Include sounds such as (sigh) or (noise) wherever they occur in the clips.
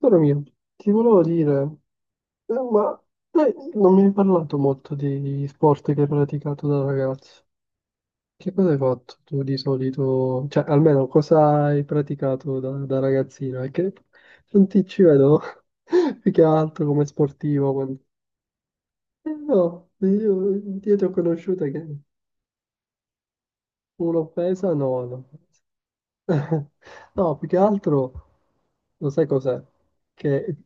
Caro mio, ti volevo dire, ma te non mi hai parlato molto di sport che hai praticato da ragazzo. Che cosa hai fatto tu di solito? Cioè, almeno cosa hai praticato da ragazzino? È che non ti ci vedo (laughs) più che altro come sportivo. No, io ti ho conosciuta che un'offesa, no, no. (laughs) No, più che altro, lo sai cos'è? Che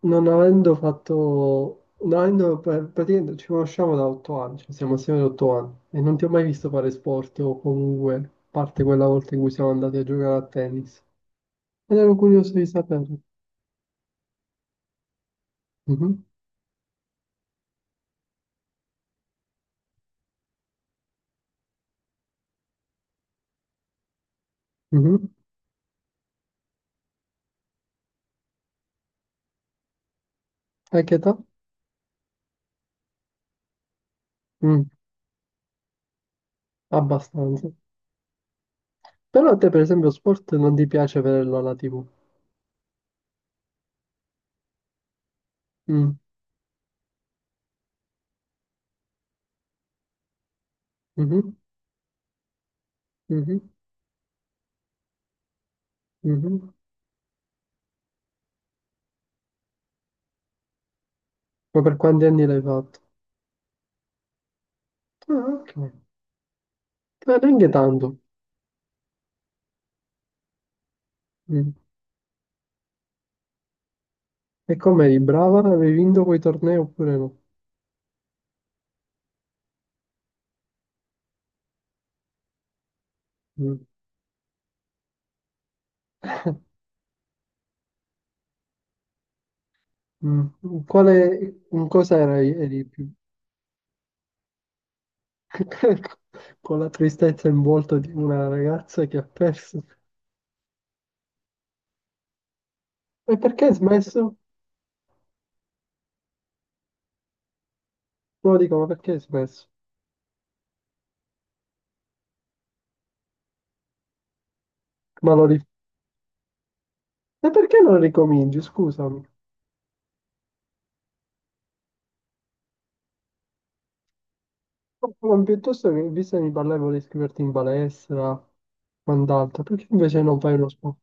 non avendo fatto, non avendo, praticamente ci conosciamo da 8 anni, cioè siamo assieme da 8 anni, e non ti ho mai visto fare sport o comunque, a parte quella volta in cui siamo andati a giocare a tennis. Ed ero curioso di sapere. Mhm, mhm. A che età? Mm, abbastanza. Però a te, per esempio, sport non ti piace vederlo alla TV. Mm, mhm, mhm, mhm. Ma per quanti anni l'hai fatto? Ah, ok. Ma neanche tanto. Mm. E come eri brava? Avevi vinto quei tornei oppure no? Mm. Mm. Quale, in cosa eri più? (laughs) Con la tristezza in volto di una ragazza che ha perso. E perché hai smesso? No, dico, ma perché hai smesso? Ma lo ri- E perché non ricominci? Scusami. Ma piuttosto che, visto che mi parlavo di iscriverti in palestra, quant'altro, perché invece non fai uno sport?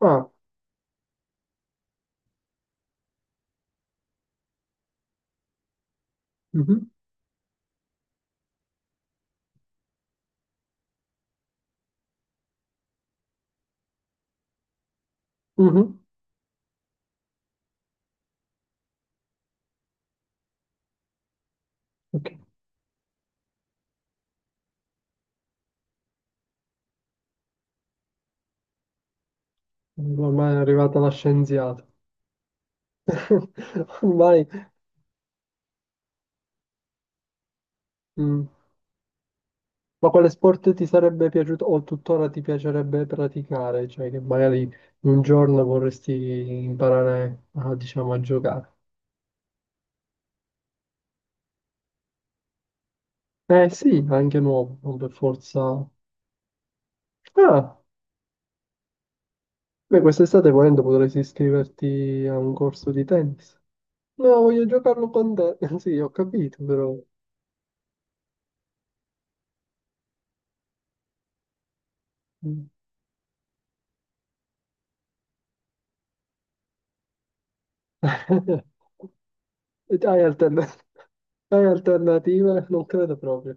Ah, mhm, mhm, ok. Ormai è arrivata la scienziata. (laughs) Ormai mhmm, ma quale sport ti sarebbe piaciuto o tuttora ti piacerebbe praticare? Cioè che magari un giorno vorresti imparare a, diciamo, a giocare. Eh sì, anche nuovo, non per forza. Ah, beh, quest'estate volendo potresti iscriverti a un corso di tennis. No, voglio giocarlo con te. (laughs) Sì, ho capito, però. Mm. (laughs) Hai altern- (laughs) Hai alternative? Non credo proprio.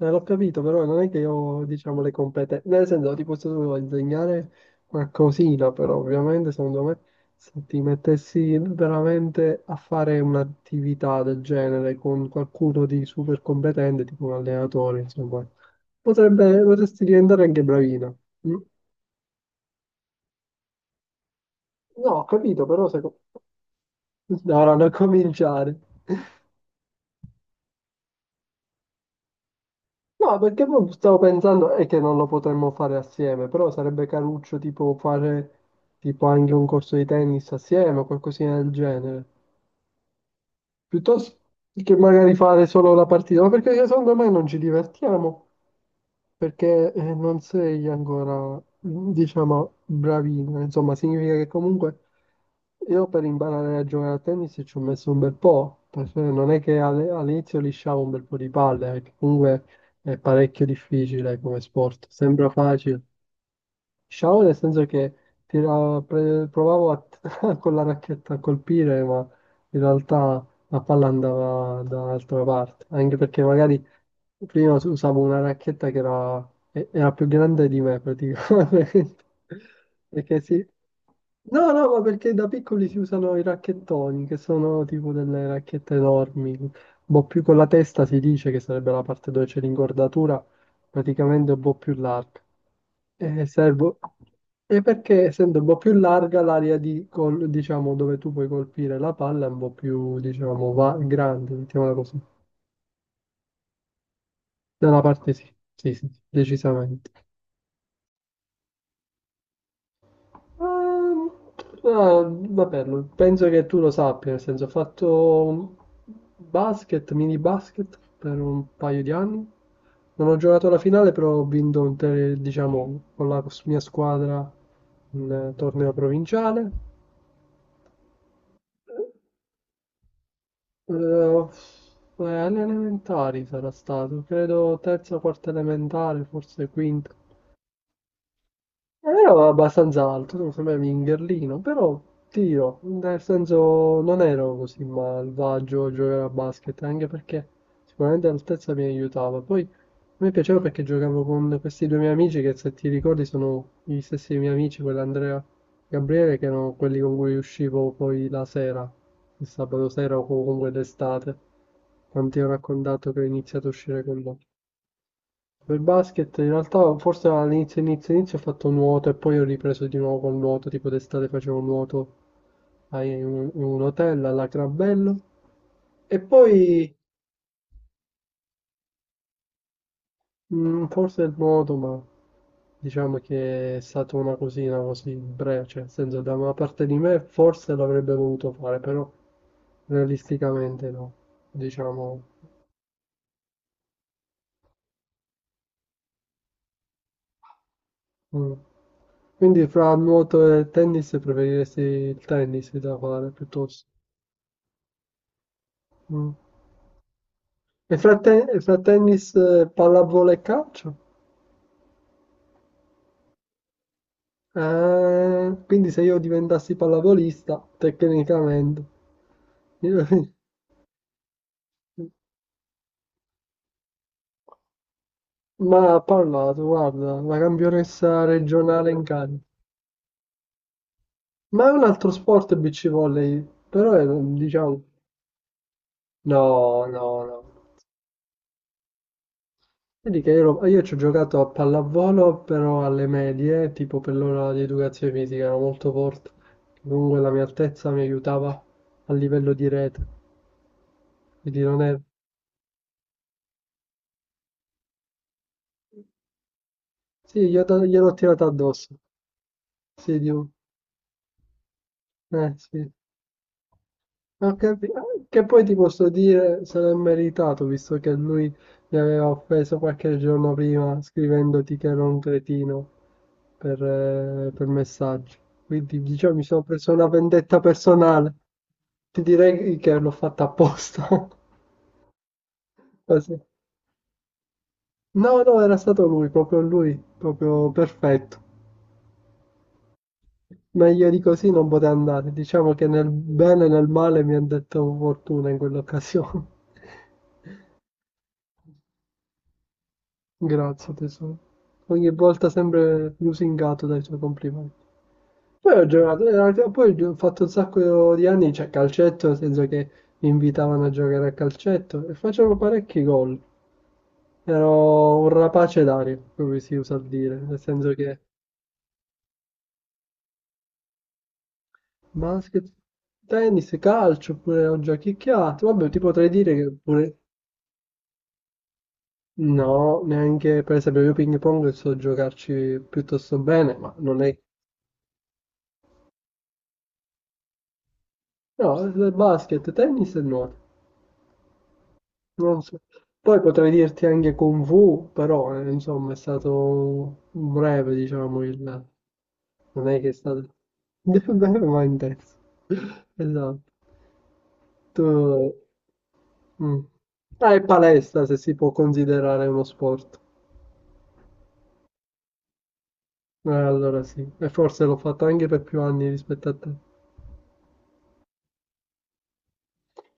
L'ho capito, però non è che io ho, diciamo, le competenze. Nel senso, ti posso solo insegnare qualcosina, però ovviamente, secondo me, se ti mettessi veramente a fare un'attività del genere con qualcuno di super competente, tipo un allenatore, insomma, potrebbe, potresti diventare anche bravino. Mm? No, ho capito, però se. Ora, non cominciare. No, perché poi stavo pensando è che non lo potremmo fare assieme, però sarebbe caruccio tipo fare tipo anche un corso di tennis assieme o qualcosina del genere. Piuttosto che magari fare solo la partita, ma perché secondo me non ci divertiamo perché non sei ancora, diciamo, bravino. Insomma, significa che comunque io per imparare a giocare a tennis ci ho messo un bel po', perché non è che all'inizio lisciavo un bel po' di palle, perché comunque è parecchio difficile come sport, sembra facile. Sciavo nel senso che provavo a (laughs) con la racchetta a colpire, ma in realtà la palla andava da un'altra parte, anche perché magari prima usavo una racchetta che era più grande di me praticamente. (laughs) Perché sì. No, no, ma perché da piccoli si usano i racchettoni, che sono tipo delle racchette enormi. Boh, più con la testa si dice che sarebbe la parte dove c'è l'ingordatura, praticamente un po' più larga. E servo. E perché essendo un po' più larga l'area di diciamo, dove tu puoi colpire la palla è un po' più, diciamo, grande, mettiamola così. Da una parte sì, sì, sì, sì, decisamente. Ehm, ah, vabbè, penso che tu lo sappia, nel senso ho fatto basket, mini basket per un paio di anni. Non ho giocato la finale, però ho vinto diciamo, con la mia squadra un torneo provinciale. Eh, eh, alle elementari sarà stato, credo terza, quarta elementare, forse quinta. Non ero abbastanza alto, non sembrava un mingherlino, però ti dirò, nel senso non ero così malvagio a giocare a basket, anche perché sicuramente l'altezza mi aiutava. Poi a me piaceva perché giocavo con questi due miei amici che se ti ricordi sono gli stessi miei amici, quell'Andrea e Gabriele, che erano quelli con cui uscivo poi la sera, il sabato sera o comunque d'estate, quanti ho raccontato che ho iniziato a uscire con loro. Per basket in realtà forse all'inizio inizio inizio ho fatto nuoto e poi ho ripreso di nuovo col nuoto, tipo d'estate facevo nuoto in un hotel alla Crabello e poi forse il nuoto, ma diciamo che è stata una cosina così breve, cioè nel senso da una parte di me forse l'avrebbe voluto fare, però realisticamente no, diciamo. Mm. Quindi fra nuoto e tennis preferiresti il tennis da fare piuttosto. Mm. E fra tennis, pallavolo e calcio? Ah, quindi se io diventassi pallavolista, tecnicamente. (laughs) Ma ha parlato, guarda, la campionessa regionale in Cali. Ma è un altro sport beach volley, però è, diciamo. No, no, no. Vedi che io ci ho giocato a pallavolo, però alle medie, tipo per l'ora di educazione fisica, ero molto forte. Comunque la mia altezza mi aiutava a livello di rete, quindi non è. Sì, gliel'ho tirata addosso. Sì, dico, sì. Ho capi- Che poi ti posso dire, se l'è meritato, visto che lui mi aveva offeso qualche giorno prima scrivendoti che ero un cretino per messaggio. Quindi, diciamo, mi sono preso una vendetta personale. Ti direi che l'ho fatta apposta. (laughs) Così. No, no, era stato lui, proprio perfetto. Meglio di così non poteva andare, diciamo che nel bene e nel male mi ha detto fortuna in quell'occasione. (laughs) Grazie tesoro. Ogni volta sempre lusingato dai suoi complimenti. Poi ho giocato, in realtà poi ho fatto un sacco di anni, cioè calcetto, nel senso che mi invitavano a giocare a calcetto e facevo parecchi gol. Ero un rapace d'aria, come si usa dire, nel senso che basket, tennis, calcio, oppure ho giochicchiato. Vabbè, ti potrei dire che pure. No, neanche per esempio io ping pong so giocarci piuttosto bene, ma non è. No, basket, tennis e nuoto, non so. Poi potrei dirti anche Kung Fu, però insomma è stato breve, diciamo, il. Non è che è stato (laughs) breve ma intenso. Esatto. Tu. Mm. Ah, e palestra se si può considerare uno sport. Allora sì, e forse l'ho fatto anche per più anni rispetto a te.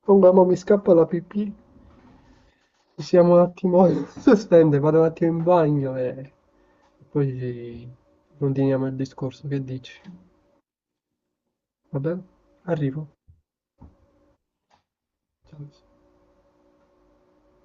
Comunque, ma mi scappa la pipì. Possiamo un attimo (laughs) sospendere, vado un attimo in bagno e poi continuiamo il discorso, che dici? Va bene? Arrivo. Ciao.